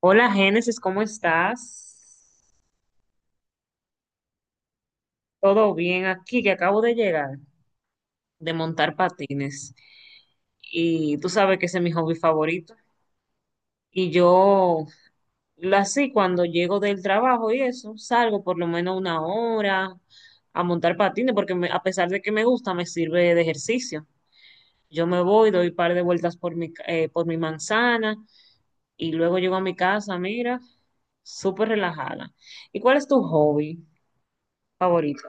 Hola Génesis, ¿cómo estás? Todo bien aquí, que acabo de llegar de montar patines y tú sabes que ese es mi hobby favorito. Y yo, lo así, cuando llego del trabajo y eso, salgo por lo menos una hora a montar patines porque a pesar de que me gusta, me sirve de ejercicio. Yo me voy, doy un par de vueltas por mi manzana y luego llego a mi casa, mira, súper relajada. ¿Y cuál es tu hobby favorito?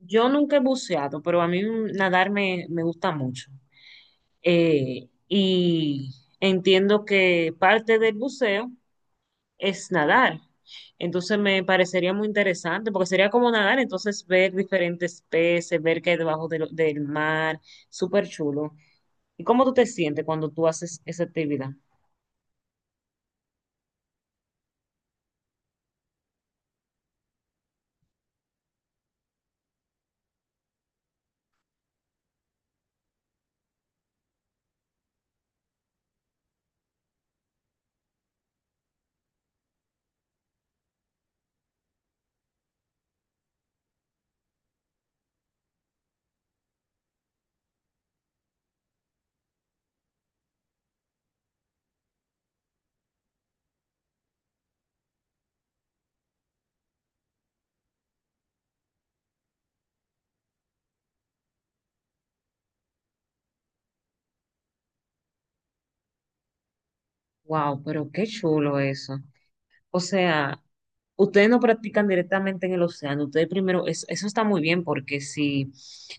Yo nunca he buceado, pero a mí nadar me gusta mucho. Y entiendo que parte del buceo es nadar. Entonces me parecería muy interesante, porque sería como nadar, entonces ver diferentes peces, ver qué hay debajo del mar, súper chulo. ¿Y cómo tú te sientes cuando tú haces esa actividad? Wow, pero qué chulo eso. O sea, ustedes no practican directamente en el océano. Ustedes primero, eso está muy bien porque si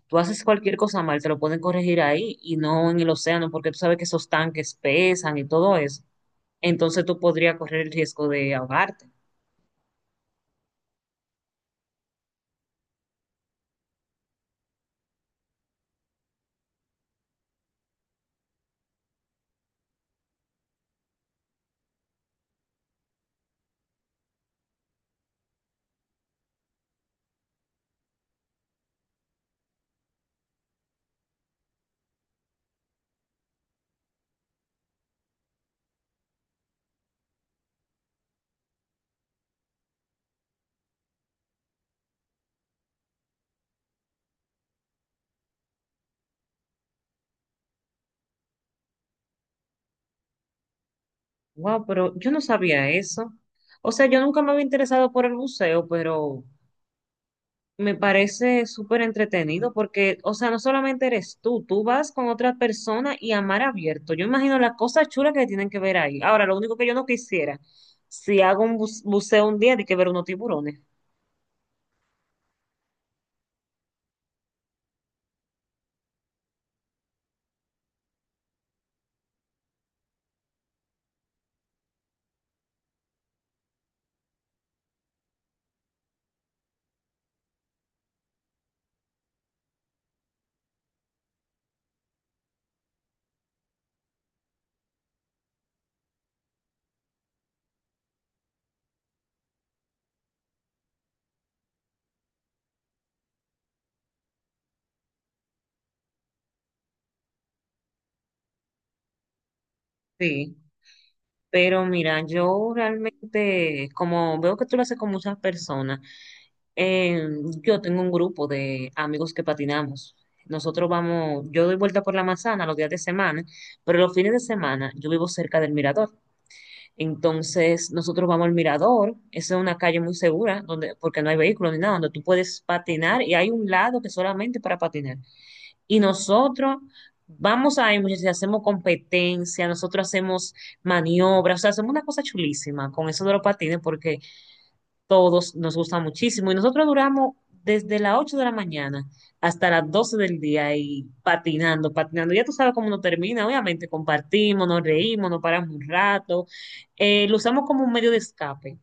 tú haces cualquier cosa mal, te lo pueden corregir ahí y no en el océano porque tú sabes que esos tanques pesan y todo eso. Entonces tú podrías correr el riesgo de ahogarte. Wow, pero yo no sabía eso. O sea, yo nunca me había interesado por el buceo, pero me parece súper entretenido porque, o sea, no solamente eres tú, tú vas con otra persona y a mar abierto. Yo imagino las cosas chulas que tienen que ver ahí. Ahora, lo único que yo no quisiera, si hago un buceo un día, de que ver unos tiburones. Sí, pero mira, yo realmente, como veo que tú lo haces con muchas personas, eh, yo tengo un grupo de amigos que patinamos. Nosotros vamos, yo doy vuelta por la manzana los días de semana, pero los fines de semana yo vivo cerca del mirador. Entonces, nosotros vamos al mirador, esa es una calle muy segura, donde, porque no hay vehículos ni nada, donde tú puedes patinar y hay un lado que solamente para patinar. Y nosotros vamos ahí, muchachos, y hacemos competencia, nosotros hacemos maniobras, o sea, hacemos una cosa chulísima con eso de los patines, porque todos nos gusta muchísimo y nosotros duramos desde las 8 de la mañana hasta las 12 del día y patinando, patinando. Ya tú sabes cómo uno termina, obviamente compartimos, nos reímos, nos paramos un rato, lo usamos como un medio de escape.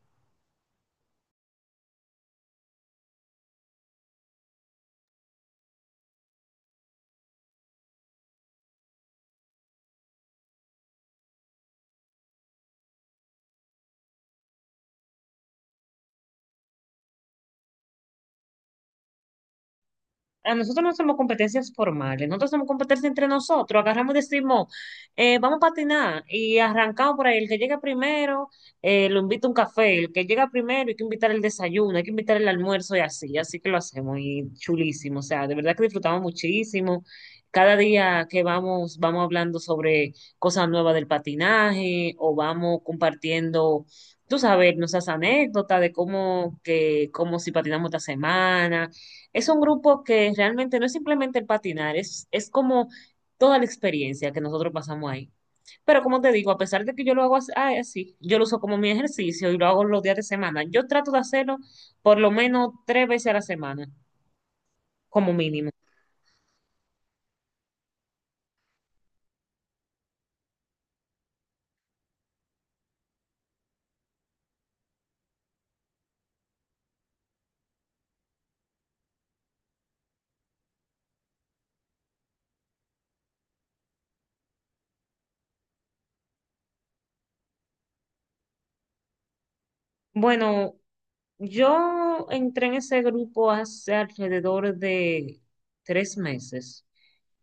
A nosotros no hacemos competencias formales, nosotros hacemos competencias entre nosotros, agarramos y decimos, vamos a patinar y arrancamos por ahí, el que llega primero lo invita a un café, el que llega primero hay que invitar el desayuno, hay que invitar el almuerzo y así, así que lo hacemos y chulísimo, o sea, de verdad que disfrutamos muchísimo. Cada día que vamos, vamos hablando sobre cosas nuevas del patinaje o vamos compartiendo, tú sabes, nuestras anécdotas de cómo, que, cómo si patinamos esta semana es un grupo que realmente no es simplemente el patinar, es como toda la experiencia que nosotros pasamos ahí. Pero como te digo, a pesar de que yo lo hago así, yo lo uso como mi ejercicio y lo hago los días de semana. Yo trato de hacerlo por lo menos tres veces a la semana, como mínimo. Bueno, yo entré en ese grupo hace alrededor de 3 meses.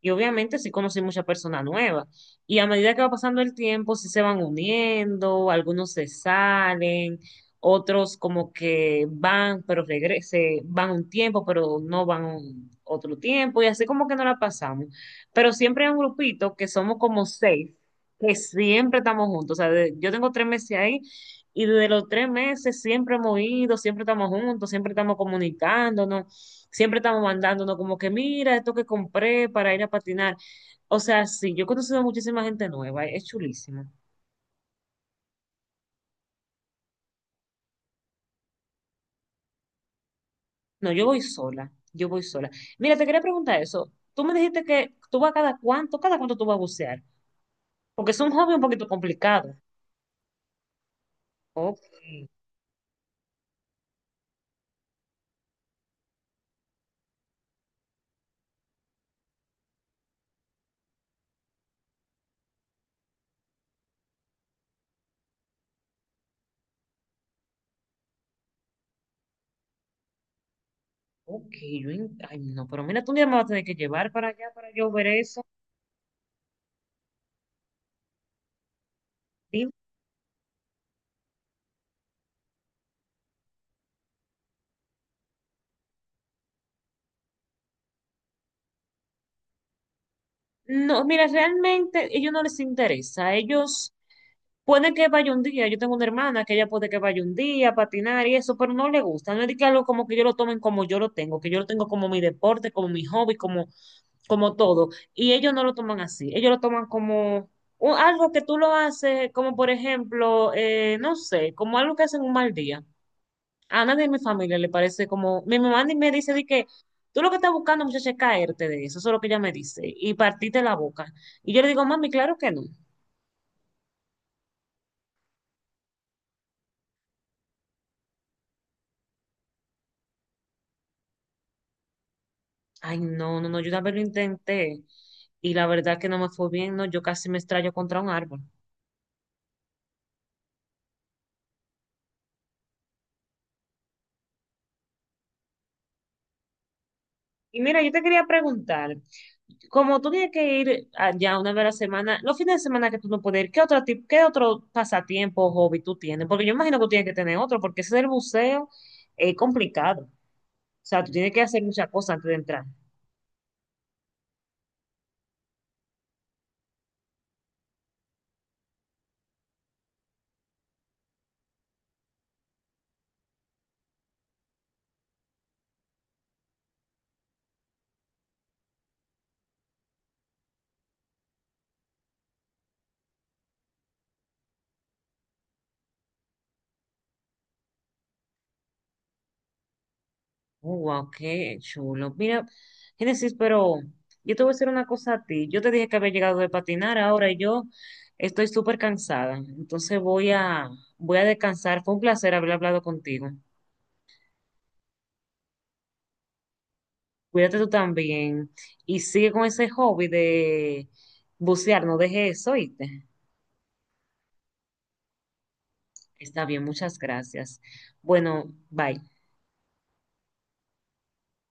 Y obviamente sí conocí mucha persona nueva. Y a medida que va pasando el tiempo, sí se van uniendo, algunos se salen, otros como que van, pero regrese, van un tiempo, pero no van otro tiempo, y así como que no la pasamos. Pero siempre hay un grupito que somos como seis, que siempre estamos juntos. O sea, yo tengo 3 meses ahí. Y desde los 3 meses siempre hemos ido, siempre estamos juntos, siempre estamos comunicándonos. Siempre estamos mandándonos como que mira esto que compré para ir a patinar. O sea, sí, yo he conocido a muchísima gente nueva, es chulísimo. No, yo voy sola, yo voy sola. Mira, te quería preguntar eso. Tú me dijiste que tú vas cada cuánto tú vas a bucear, porque es un hobby un poquito complicado. Ok, ok, yo, ay, no, pero mira, tú un día me vas a tener que llevar para allá para yo ver eso. Sí. No, mira, realmente ellos no les interesa. Ellos puede que vaya un día, yo tengo una hermana que ella puede que vaya un día a patinar y eso, pero no le gusta, no es de que algo como que yo lo tomen como yo lo tengo, que yo lo tengo como mi deporte, como mi hobby, como, como todo. Y ellos no lo toman así, ellos lo toman como algo que tú lo haces, como por ejemplo, no sé, como algo que hacen un mal día. A nadie de mi familia le parece como, mi mamá ni me dice de que tú lo que estás buscando, muchacha, es caerte de eso, eso es lo que ella me dice, y partirte la boca. Y yo le digo, mami, claro que no. Ay, no, no, no, yo una vez lo intenté y la verdad que no me fue bien, no, yo casi me estrello contra un árbol. Y mira, yo te quería preguntar, como tú tienes que ir allá una vez a la semana, los fines de semana que tú no puedes ir, ¿qué otro pasatiempo o hobby tú tienes? Porque yo imagino que tú tienes que tener otro, porque ese del buceo es complicado. O sea, tú tienes que hacer muchas cosas antes de entrar. Oh, wow, qué chulo. Mira, Génesis, pero yo te voy a decir una cosa a ti. Yo te dije que había llegado de patinar, ahora yo estoy súper cansada. Entonces voy a descansar. Fue un placer haber hablado contigo. Cuídate tú también y sigue con ese hobby de bucear, no dejes eso, ¿oíste? Está bien, muchas gracias. Bueno, bye.